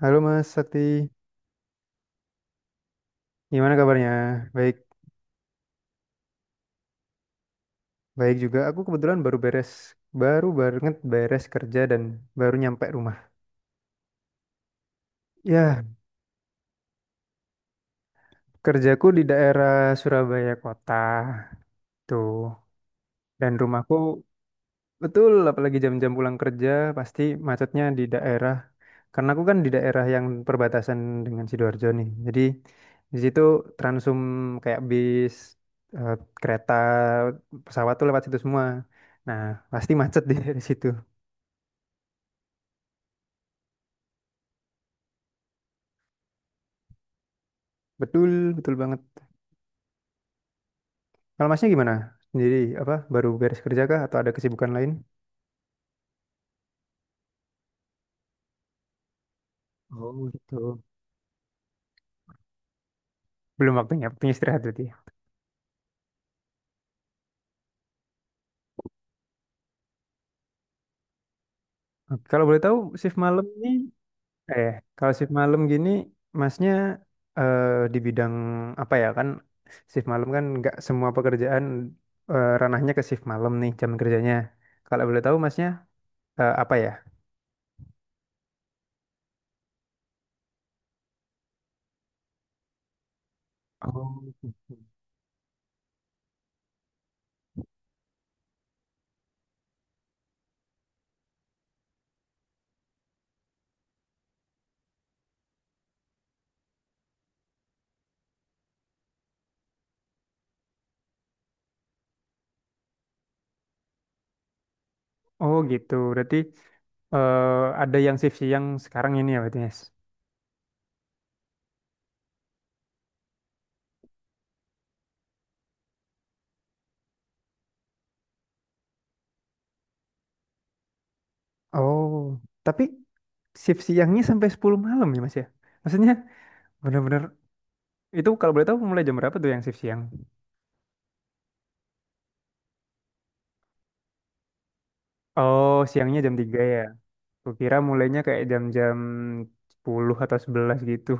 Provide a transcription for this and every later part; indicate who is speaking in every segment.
Speaker 1: Halo Mas Sakti, gimana kabarnya? Baik, baik juga. Aku kebetulan baru banget beres kerja dan baru nyampe rumah. Ya, kerjaku di daerah Surabaya kota tuh, dan rumahku. Betul, apalagi jam-jam pulang kerja pasti macetnya di daerah. Karena aku kan di daerah yang perbatasan dengan Sidoarjo nih. Jadi di situ transum kayak bis, eh, kereta, pesawat tuh lewat situ semua. Nah, pasti macet di situ. Betul, betul banget. Kalau masnya gimana? Sendiri apa baru beres kerja kah atau ada kesibukan lain? Oh gitu. Belum waktunya istirahat berarti, ya? Oke, kalau boleh tahu shift malam ini, eh kalau shift malam gini masnya, eh, di bidang apa ya, kan shift malam kan nggak semua pekerjaan, ranahnya ke shift malam nih jam kerjanya. Kalau boleh tahu masnya, apa ya? Oh gitu. Oh gitu, berarti, eh, ada yang shift siang sekarang ini ya berarti, Mas? Oh, tapi shift siangnya sampai 10 malam ya Mas ya? Maksudnya bener-bener itu, kalau boleh tahu mulai jam berapa tuh yang shift siang? Oh, siangnya jam 3 ya. Kukira mulainya kayak jam-jam 10 atau 11 gitu.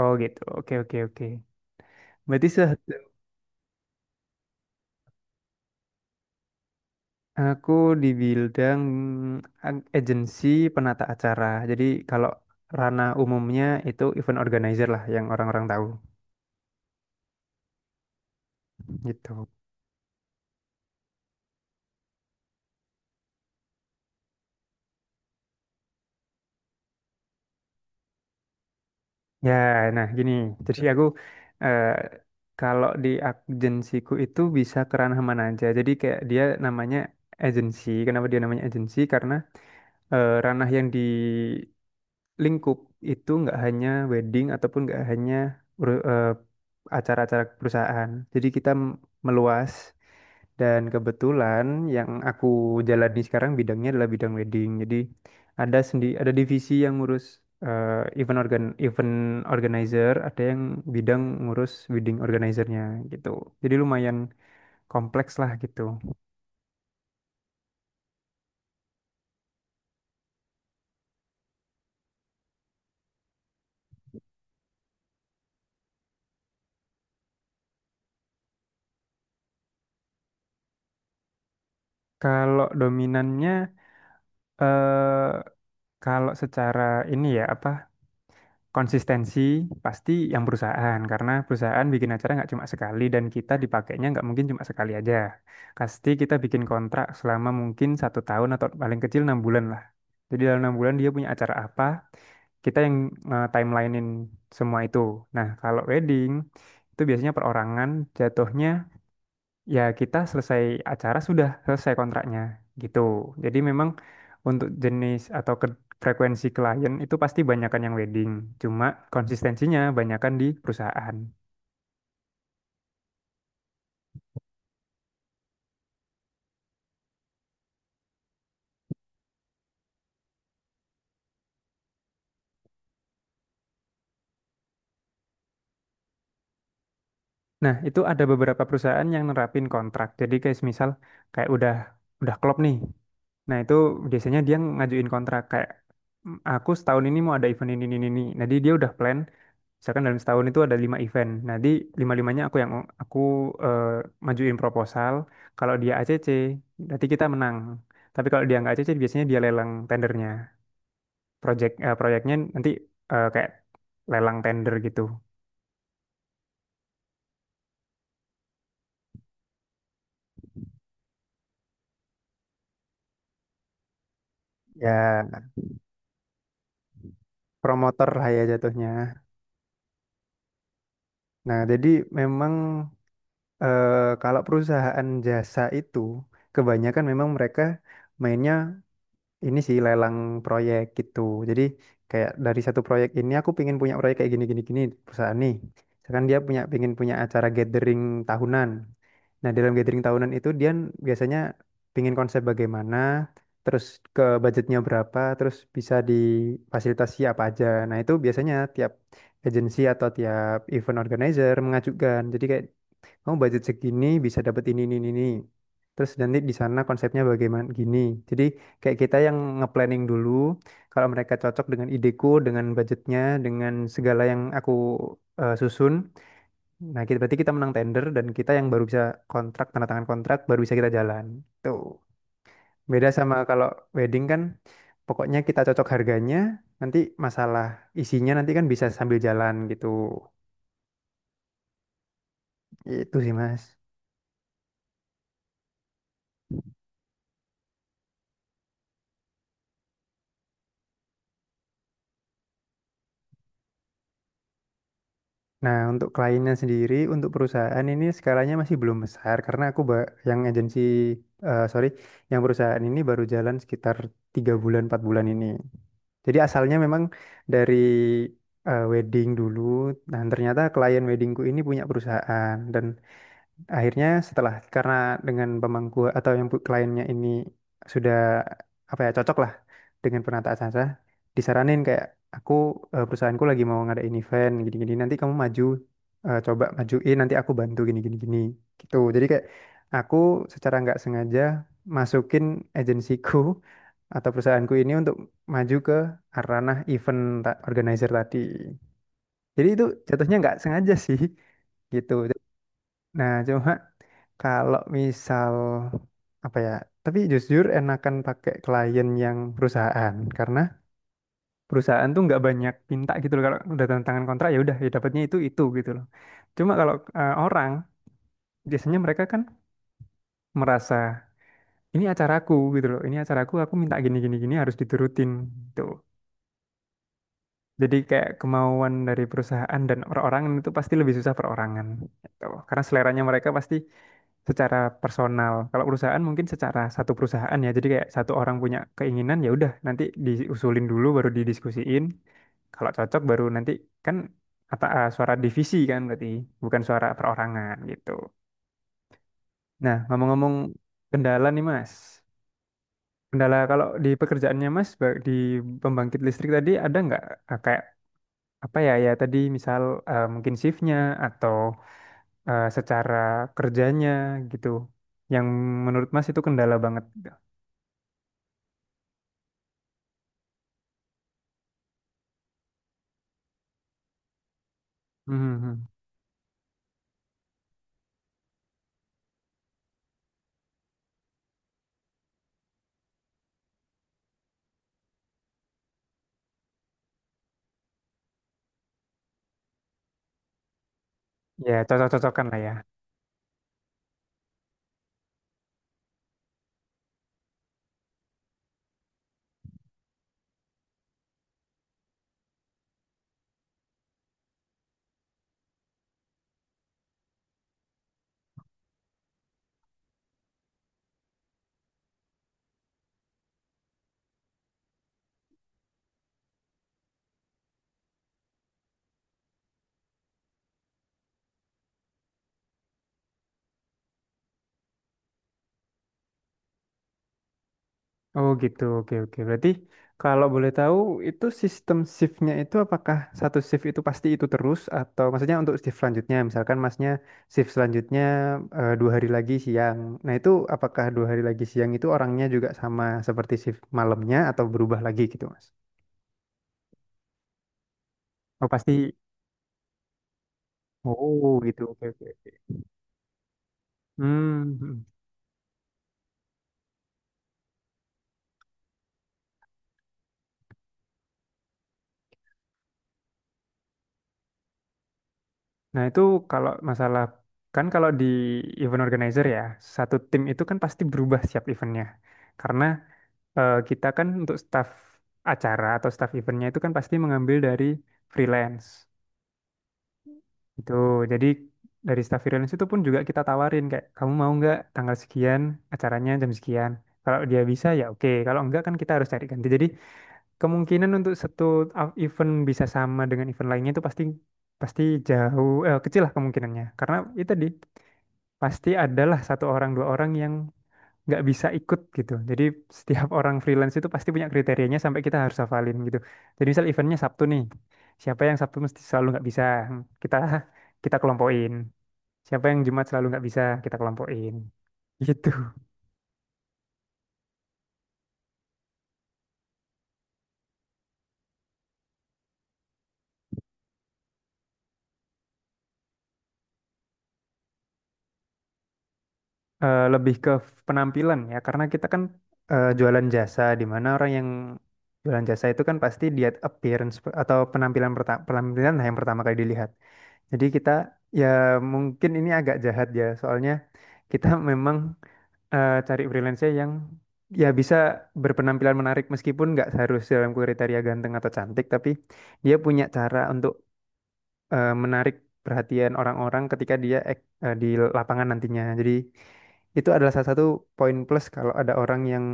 Speaker 1: Oh, gitu. Oke, oke, oke. Berarti aku di bidang agensi penata acara. Jadi kalau ranah umumnya itu event organizer lah yang orang-orang tahu gitu. Ya, nah gini. Jadi aku, eh, kalau di agensiku itu bisa ke mana aja. Jadi kayak dia namanya agensi. Kenapa dia namanya agensi? Karena, ranah yang di lingkup itu nggak hanya wedding ataupun nggak hanya ur- eh, acara-acara perusahaan. Jadi kita meluas. Dan kebetulan yang aku jalani sekarang bidangnya adalah bidang wedding. Jadi ada divisi yang ngurus, event organizer, ada yang bidang ngurus wedding organizernya gitu. Jadi lumayan kompleks lah gitu. Kalau dominannya, eh kalau secara ini ya, apa, konsistensi, pasti yang perusahaan karena perusahaan bikin acara nggak cuma sekali dan kita dipakainya nggak mungkin cuma sekali aja. Pasti kita bikin kontrak selama mungkin 1 tahun atau paling kecil 6 bulan lah. Jadi dalam 6 bulan dia punya acara apa, kita yang timelinein semua itu. Nah, kalau wedding itu biasanya perorangan jatuhnya, ya kita selesai acara sudah selesai kontraknya gitu. Jadi memang untuk jenis atau frekuensi klien itu pasti banyakan yang wedding. Cuma konsistensinya banyakan di perusahaan. Nah, itu ada beberapa perusahaan yang nerapin kontrak. Jadi kayak misal, kayak udah klop nih. Nah, itu biasanya dia ngajuin kontrak kayak, "Mm, aku setahun ini mau ada event ini ini, ini." Nah, jadi dia udah plan misalkan dalam setahun itu ada lima event. Nanti lima-limanya aku yang aku, eh, majuin proposal. Kalau dia ACC, nanti kita menang. Tapi kalau dia nggak ACC, biasanya dia lelang tendernya. Proyeknya nanti, kayak lelang tender gitu. Ya, promotor lah ya jatuhnya. Nah, jadi memang, eh, kalau perusahaan jasa itu kebanyakan memang mereka mainnya ini sih lelang proyek gitu. Jadi kayak dari satu proyek ini aku pingin punya proyek kayak gini gini gini perusahaan nih. Misalkan dia pingin punya acara gathering tahunan. Nah, dalam gathering tahunan itu dia biasanya pingin konsep bagaimana, terus ke budgetnya berapa, terus bisa difasilitasi apa aja. Nah, itu biasanya tiap agensi atau tiap event organizer mengajukan. Jadi kayak, "Kamu budget segini bisa dapat ini ini, ini." Terus nanti di sana konsepnya bagaimana gini. Jadi kayak kita yang nge-planning dulu, kalau mereka cocok dengan ideku, dengan budgetnya, dengan segala yang aku, susun. Nah, kita berarti kita menang tender dan kita yang baru bisa kontrak, tanda tangan kontrak, baru bisa kita jalan. Tuh. Beda sama kalau wedding kan, pokoknya kita cocok harganya, nanti masalah isinya nanti kan bisa sambil jalan gitu. Itu sih, Mas. Nah, untuk kliennya sendiri, untuk perusahaan ini skalanya masih belum besar karena aku yang agensi, eh sorry, yang perusahaan ini baru jalan sekitar 3 bulan, 4 bulan ini. Jadi asalnya memang dari, wedding dulu. Nah, ternyata klien weddingku ini punya perusahaan dan akhirnya, setelah, karena dengan pemangku atau yang kliennya ini sudah, apa ya, cocok lah dengan penataan acara, disaranin kayak, "Aku, perusahaanku lagi mau ngadain event gini-gini, nanti kamu maju, coba majuin, nanti aku bantu gini-gini gini gitu." Jadi kayak aku secara nggak sengaja masukin agensiku atau perusahaanku ini untuk maju ke ranah event, organizer tadi. Jadi itu jatuhnya nggak sengaja sih gitu. Nah, cuma kalau misal, apa ya, tapi jujur enakan pakai klien yang perusahaan karena perusahaan tuh nggak banyak minta gitu loh. Kalau udah tanda tangan kontrak ya udah, ya dapatnya itu gitu loh. Cuma kalau, orang biasanya mereka kan merasa ini acaraku gitu loh, ini acaraku, aku minta gini gini gini harus diturutin gitu. Jadi kayak kemauan dari perusahaan dan perorangan itu pasti lebih susah perorangan. Gitu. Karena seleranya mereka pasti secara personal. Kalau perusahaan mungkin secara satu perusahaan ya. Jadi kayak satu orang punya keinginan ya udah, nanti diusulin dulu baru didiskusiin. Kalau cocok baru nanti kan kata, suara divisi kan berarti bukan suara perorangan gitu. Nah, ngomong-ngomong kendala nih, Mas. Kendala kalau di pekerjaannya Mas, di pembangkit listrik tadi ada nggak, kayak apa ya, ya tadi misal, mungkin shiftnya atau, secara kerjanya gitu yang menurut Mas itu kendala banget gitu. Hmm, hmm. Ya cocok-cocokan lah ya. Oh gitu, oke, oke. Berarti kalau boleh tahu, itu sistem shiftnya itu apakah satu shift itu pasti itu terus, atau maksudnya untuk shift selanjutnya misalkan Masnya shift selanjutnya, 2 hari lagi siang, nah itu apakah 2 hari lagi siang itu orangnya juga sama seperti shift malamnya atau berubah lagi gitu, Mas? Oh pasti. Oh gitu, oke oke. Hmm, hmm. Nah itu kalau masalah, kan kalau di event organizer ya satu tim itu kan pasti berubah setiap eventnya karena, kita kan untuk staff acara atau staff eventnya itu kan pasti mengambil dari freelance itu. Jadi dari staff freelance itu pun juga kita tawarin kayak, "Kamu mau nggak tanggal sekian acaranya jam sekian?" Kalau dia bisa ya oke, kalau enggak kan kita harus cari ganti. Jadi kemungkinan untuk satu event bisa sama dengan event lainnya itu pasti pasti jauh, eh, kecil lah kemungkinannya karena itu tadi, pasti adalah satu orang dua orang yang nggak bisa ikut gitu. Jadi setiap orang freelance itu pasti punya kriterianya sampai kita harus hafalin gitu. Jadi misal eventnya Sabtu nih, siapa yang Sabtu mesti selalu nggak bisa, kita kita kelompokin. Siapa yang Jumat selalu nggak bisa kita kelompokin gitu. Lebih ke penampilan ya karena kita kan, jualan jasa di mana orang yang jualan jasa itu kan pasti dia appearance, atau penampilan, penampilan lah yang pertama kali dilihat. Jadi kita ya, mungkin ini agak jahat ya soalnya kita memang, cari freelancer yang ya bisa berpenampilan menarik meskipun nggak harus dalam kriteria ganteng atau cantik, tapi dia punya cara untuk, menarik perhatian orang-orang ketika dia, di lapangan nantinya. Jadi itu adalah salah satu poin plus kalau ada orang yang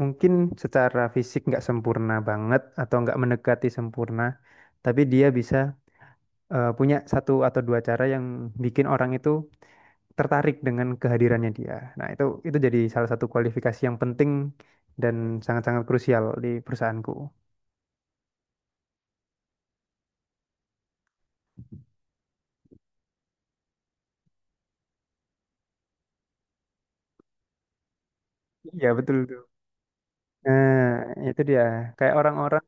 Speaker 1: mungkin secara fisik nggak sempurna banget atau nggak mendekati sempurna, tapi dia bisa, punya satu atau dua cara yang bikin orang itu tertarik dengan kehadirannya dia. Nah, itu jadi salah satu kualifikasi yang penting dan sangat-sangat krusial di perusahaanku. Iya, betul tuh. Nah, itu dia. Kayak orang-orang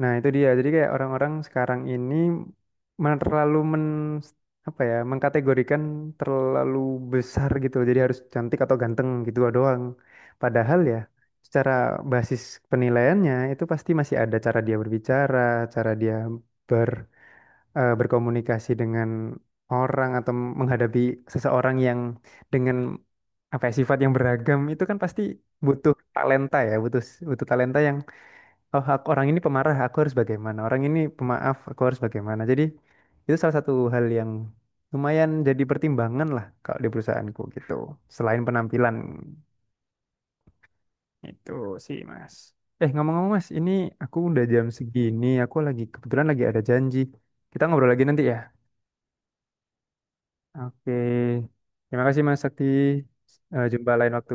Speaker 1: Nah, itu dia. Jadi kayak orang-orang sekarang ini terlalu men, apa ya, mengkategorikan terlalu besar gitu. Jadi harus cantik atau ganteng gitu doang. Padahal ya secara basis penilaiannya itu pasti masih ada cara dia berbicara, cara dia, ber berkomunikasi dengan orang atau menghadapi seseorang yang dengan, apa ya, sifat yang beragam itu kan pasti butuh talenta ya, butuh butuh talenta yang, "Oh aku, orang ini pemarah aku harus bagaimana, orang ini pemaaf aku harus bagaimana." Jadi itu salah satu hal yang lumayan jadi pertimbangan lah kalau di perusahaanku gitu, selain penampilan itu sih Mas. Ngomong-ngomong Mas ini, aku udah jam segini, aku lagi kebetulan lagi ada janji. Kita ngobrol lagi nanti ya. Oke, terima kasih Mas Sakti. Jumpa lain waktu.